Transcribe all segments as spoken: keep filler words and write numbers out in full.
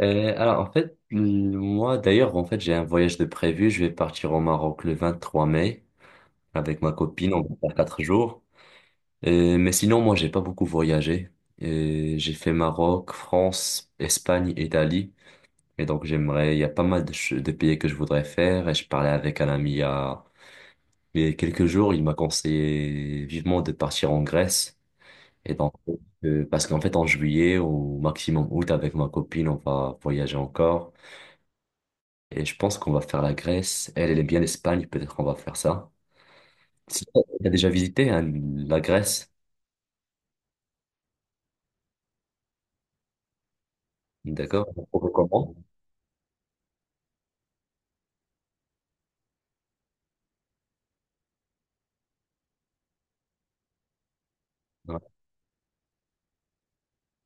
Euh, alors en fait, l- moi d'ailleurs, en fait, j'ai un voyage de prévu. Je vais partir au Maroc le vingt-trois mai avec ma copine. On va faire quatre jours. Euh, mais sinon, moi, j'ai pas beaucoup voyagé. Euh, j'ai fait Maroc, France, Espagne, Italie. Et donc j'aimerais, il y a pas mal de, ch- de pays que je voudrais faire. Et je parlais avec un ami il y a il y a quelques jours. Il m'a conseillé vivement de partir en Grèce. Et donc euh, parce qu'en fait, en juillet au maximum août, avec ma copine, on va voyager encore. Et je pense qu'on va faire la Grèce. Elle, elle est bien l'Espagne, peut-être qu'on va faire ça. Si tu as déjà visité, hein, la Grèce? D'accord? On peut Ouais.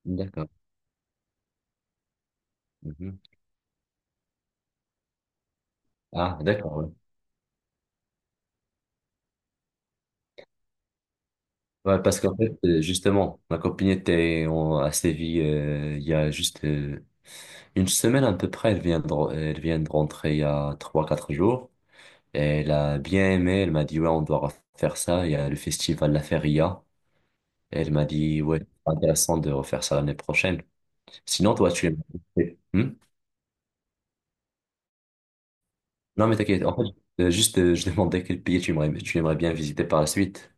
D'accord. Mhm. Ah, d'accord. Ouais. Ouais, parce qu'en fait, euh, justement, ma copine était en- à Séville euh, il y a juste euh, une semaine à peu près. Elle vient de, re- elle vient de rentrer il y a trois quatre jours. Et elle a bien aimé. Elle m'a dit, ouais, on doit refaire ça. Il y a le festival La Feria. Et elle m'a dit, ouais, c'est intéressant de refaire ça l'année prochaine. Sinon, toi, tu aimerais… Hmm Non, mais t'inquiète. En fait, euh, juste, euh, je demandais quel pays tu aimerais, tu aimerais bien visiter par la suite.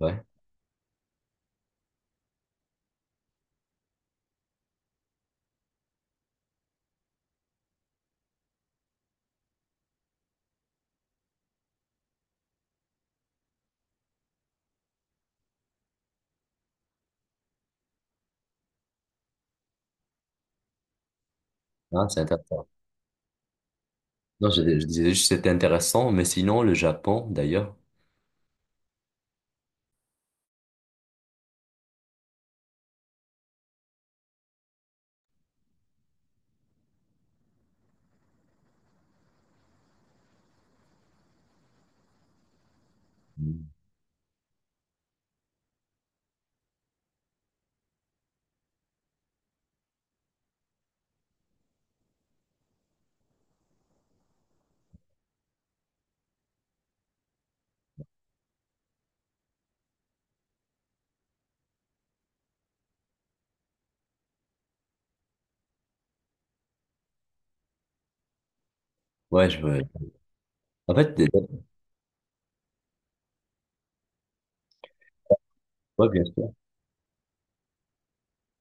Ouais. Ah, c'est intéressant. Non, je, je disais juste que c'était intéressant, mais sinon, le Japon, d'ailleurs. Hmm. Ouais, je veux… En fait, des- ouais, bien sûr.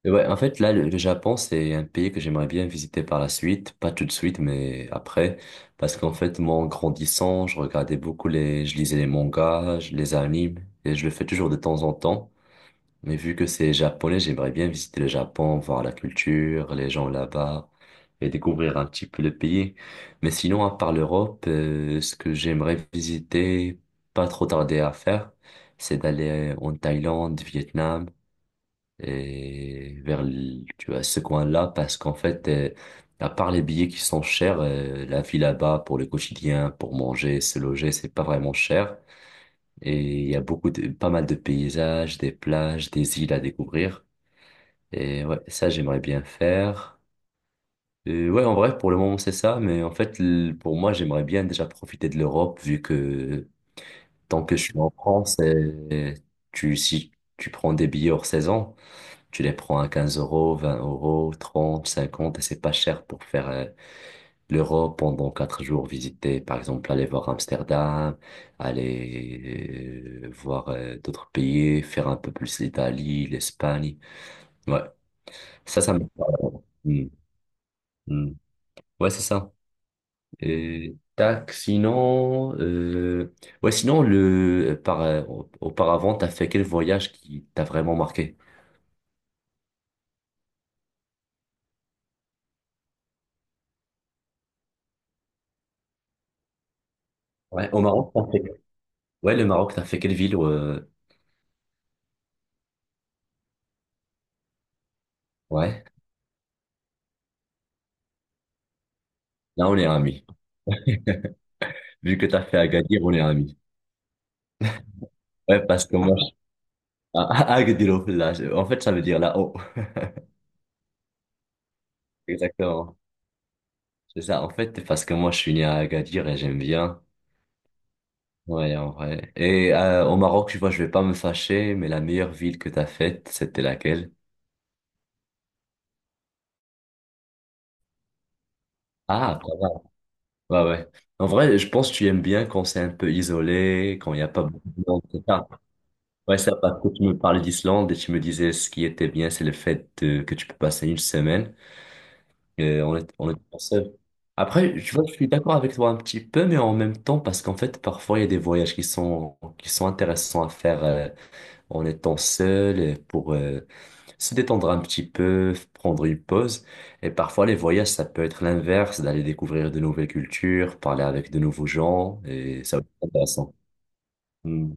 Et ouais, en fait, là, le, le Japon, c'est un pays que j'aimerais bien visiter par la suite. Pas tout de suite, mais après. Parce qu'en fait, moi, en grandissant, je regardais beaucoup les… Je lisais les mangas, je- les animes, et je le fais toujours de temps en temps. Mais vu que c'est japonais, j'aimerais bien visiter le Japon, voir la culture, les gens là-bas et découvrir un petit peu le pays. Mais sinon, à part l'Europe, euh, ce que j'aimerais visiter, pas trop tarder à faire, c'est d'aller en Thaïlande, Vietnam et vers l- tu vois, ce coin-là parce qu'en fait, euh, à part les billets qui sont chers, euh, la vie là-bas pour le quotidien, pour manger, se loger, c'est pas vraiment cher. Et il y a beaucoup de, pas mal de paysages, des plages, des îles à découvrir. Et ouais, ça, j'aimerais bien faire. Et ouais, en vrai, pour le moment, c'est ça. Mais en fait, l- pour moi, j'aimerais bien déjà profiter de l'Europe, vu que tant que je suis en France, et tu, si tu prends des billets hors saison, tu les prends à quinze euros, vingt euros, trente cinquante et c'est pas cher pour faire euh, l'Europe pendant quatre jours, visiter, par exemple, aller voir Amsterdam, aller euh, voir euh, d'autres pays, faire un peu plus l'Italie, l'Espagne. Ouais, ça, ça me… Hmm. Hmm. Ouais, c'est ça. Euh, tac, sinon, euh, ouais, sinon, le, par, euh, auparavant, t'as fait quel voyage qui t'a vraiment marqué? Ouais, au Maroc, t'as fait. Ouais, le Maroc, t'as fait quelle ville? euh, Ouais, là, on est amis. Vu que t'as fait Agadir, on est amis. Ouais, parce que moi, je… Ah, ah, Agadir, là, je- en fait, ça veut dire là-haut. Exactement. C'est ça. En fait, parce que moi, je suis né à Agadir et j'aime bien. Ouais, en vrai. Et euh, au Maroc, tu vois, je vais pas me fâcher, mais la meilleure ville que t'as faite, c'était laquelle? Ah, ouais, ouais. En vrai, je pense que tu aimes bien quand c'est un peu isolé, quand il n'y a pas beaucoup de monde, c'est ça. Ouais, ça, parce que tu me parlais d'Islande et tu me disais ce qui était bien, c'est le fait de- que tu peux passer une semaine et on est, on est pas seul. Après, tu vois, je suis d'accord avec toi un petit peu, mais en même temps, parce qu'en fait, parfois, il y a des voyages qui sont, qui sont intéressants à faire euh, en étant seul euh, pour, euh, se détendre un petit peu, prendre une pause. Et parfois, les voyages, ça peut être l'inverse, d'aller découvrir de nouvelles cultures, parler avec de nouveaux gens, et ça va être intéressant. Hmm.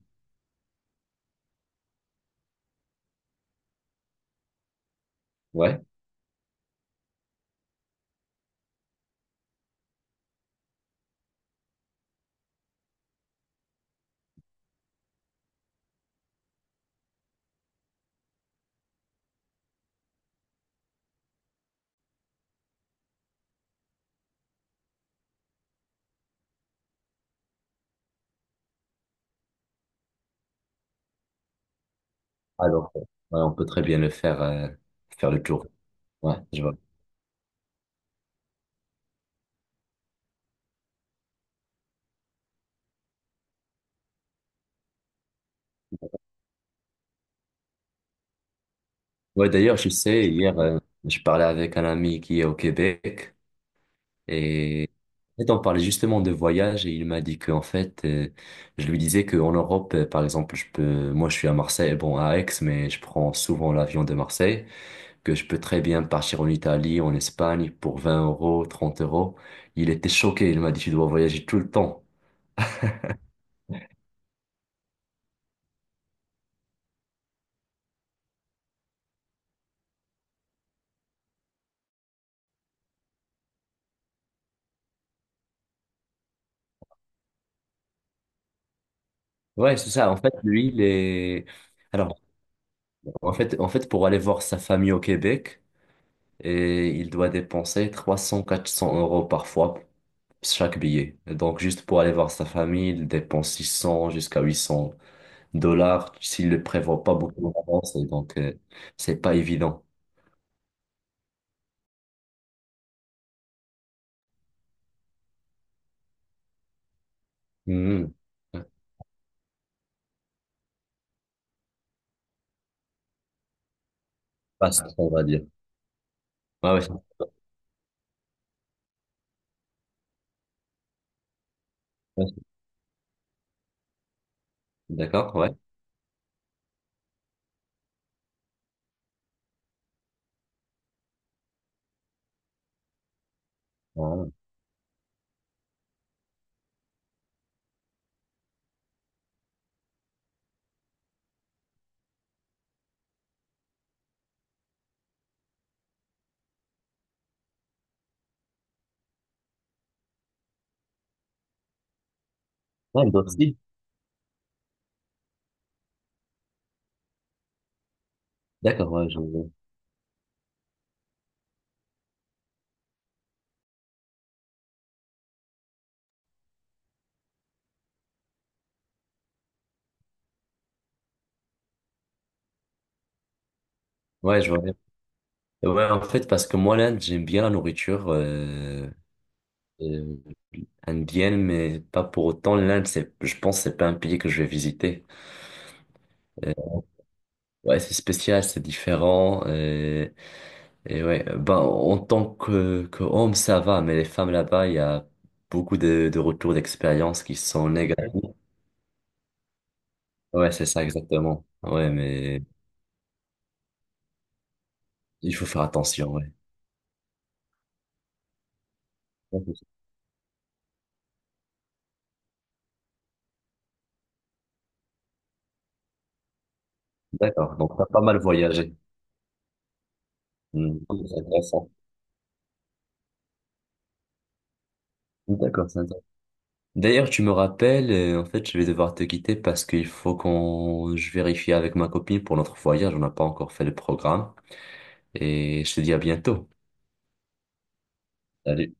Ouais, alors, ouais, on peut très bien le faire, euh, faire le tour. Ouais, je vois. Ouais, d'ailleurs, je sais, hier, euh, je parlais avec un ami qui est au Québec, et, et on parlait justement de voyage, et il m'a dit qu'en fait, euh, je lui disais qu'en Europe, euh, par exemple, je peux, moi, je suis à Marseille, bon, à Aix, mais je prends souvent l'avion de Marseille. Que je peux très bien partir en Italie, en Espagne pour vingt euros, trente euros. Il était choqué, il m'a dit, tu dois voyager tout le temps. Ouais, c'est ça. En fait, lui, il est… Alors, en fait, en fait, pour aller voir sa famille au Québec, et il doit dépenser trois cents, quatre cents euros parfois chaque billet. Et donc, juste pour aller voir sa famille, il dépense six cents jusqu'à huit cents dollars s'il ne le prévoit pas beaucoup en avance. Et donc, euh, c'est pas évident. Mhm. Pas ça, on va dire. Ouais, ouais, c'est- ouais, c'est- d'accord, ouais. Ah, ah, l'Inde aussi. D'accord, ouais, je vois. Ouais, je vois bien. Ouais, en fait, parce que moi, l'Inde, j'aime bien la nourriture euh, euh, indienne, mais pas pour autant. L'Inde, c'est, je pense, que c'est pas un pays que je vais visiter. Euh, ouais, c'est spécial, c'est différent. Euh, et ouais, ben, en tant que, que homme, ça va, mais les femmes là-bas, il y a beaucoup de, de retours d'expérience qui sont négatifs. Ouais, c'est ça, exactement. Ouais, mais il faut faire attention, ouais. D'accord, donc t'as pas mal voyagé. Hmm, c'est intéressant. D'accord, c'est intéressant. D'ailleurs, tu me rappelles, euh, en fait, je vais devoir te quitter parce qu'il faut qu'on, je vérifie avec ma copine pour notre voyage. On n'a pas encore fait le programme et je te dis à bientôt. Salut.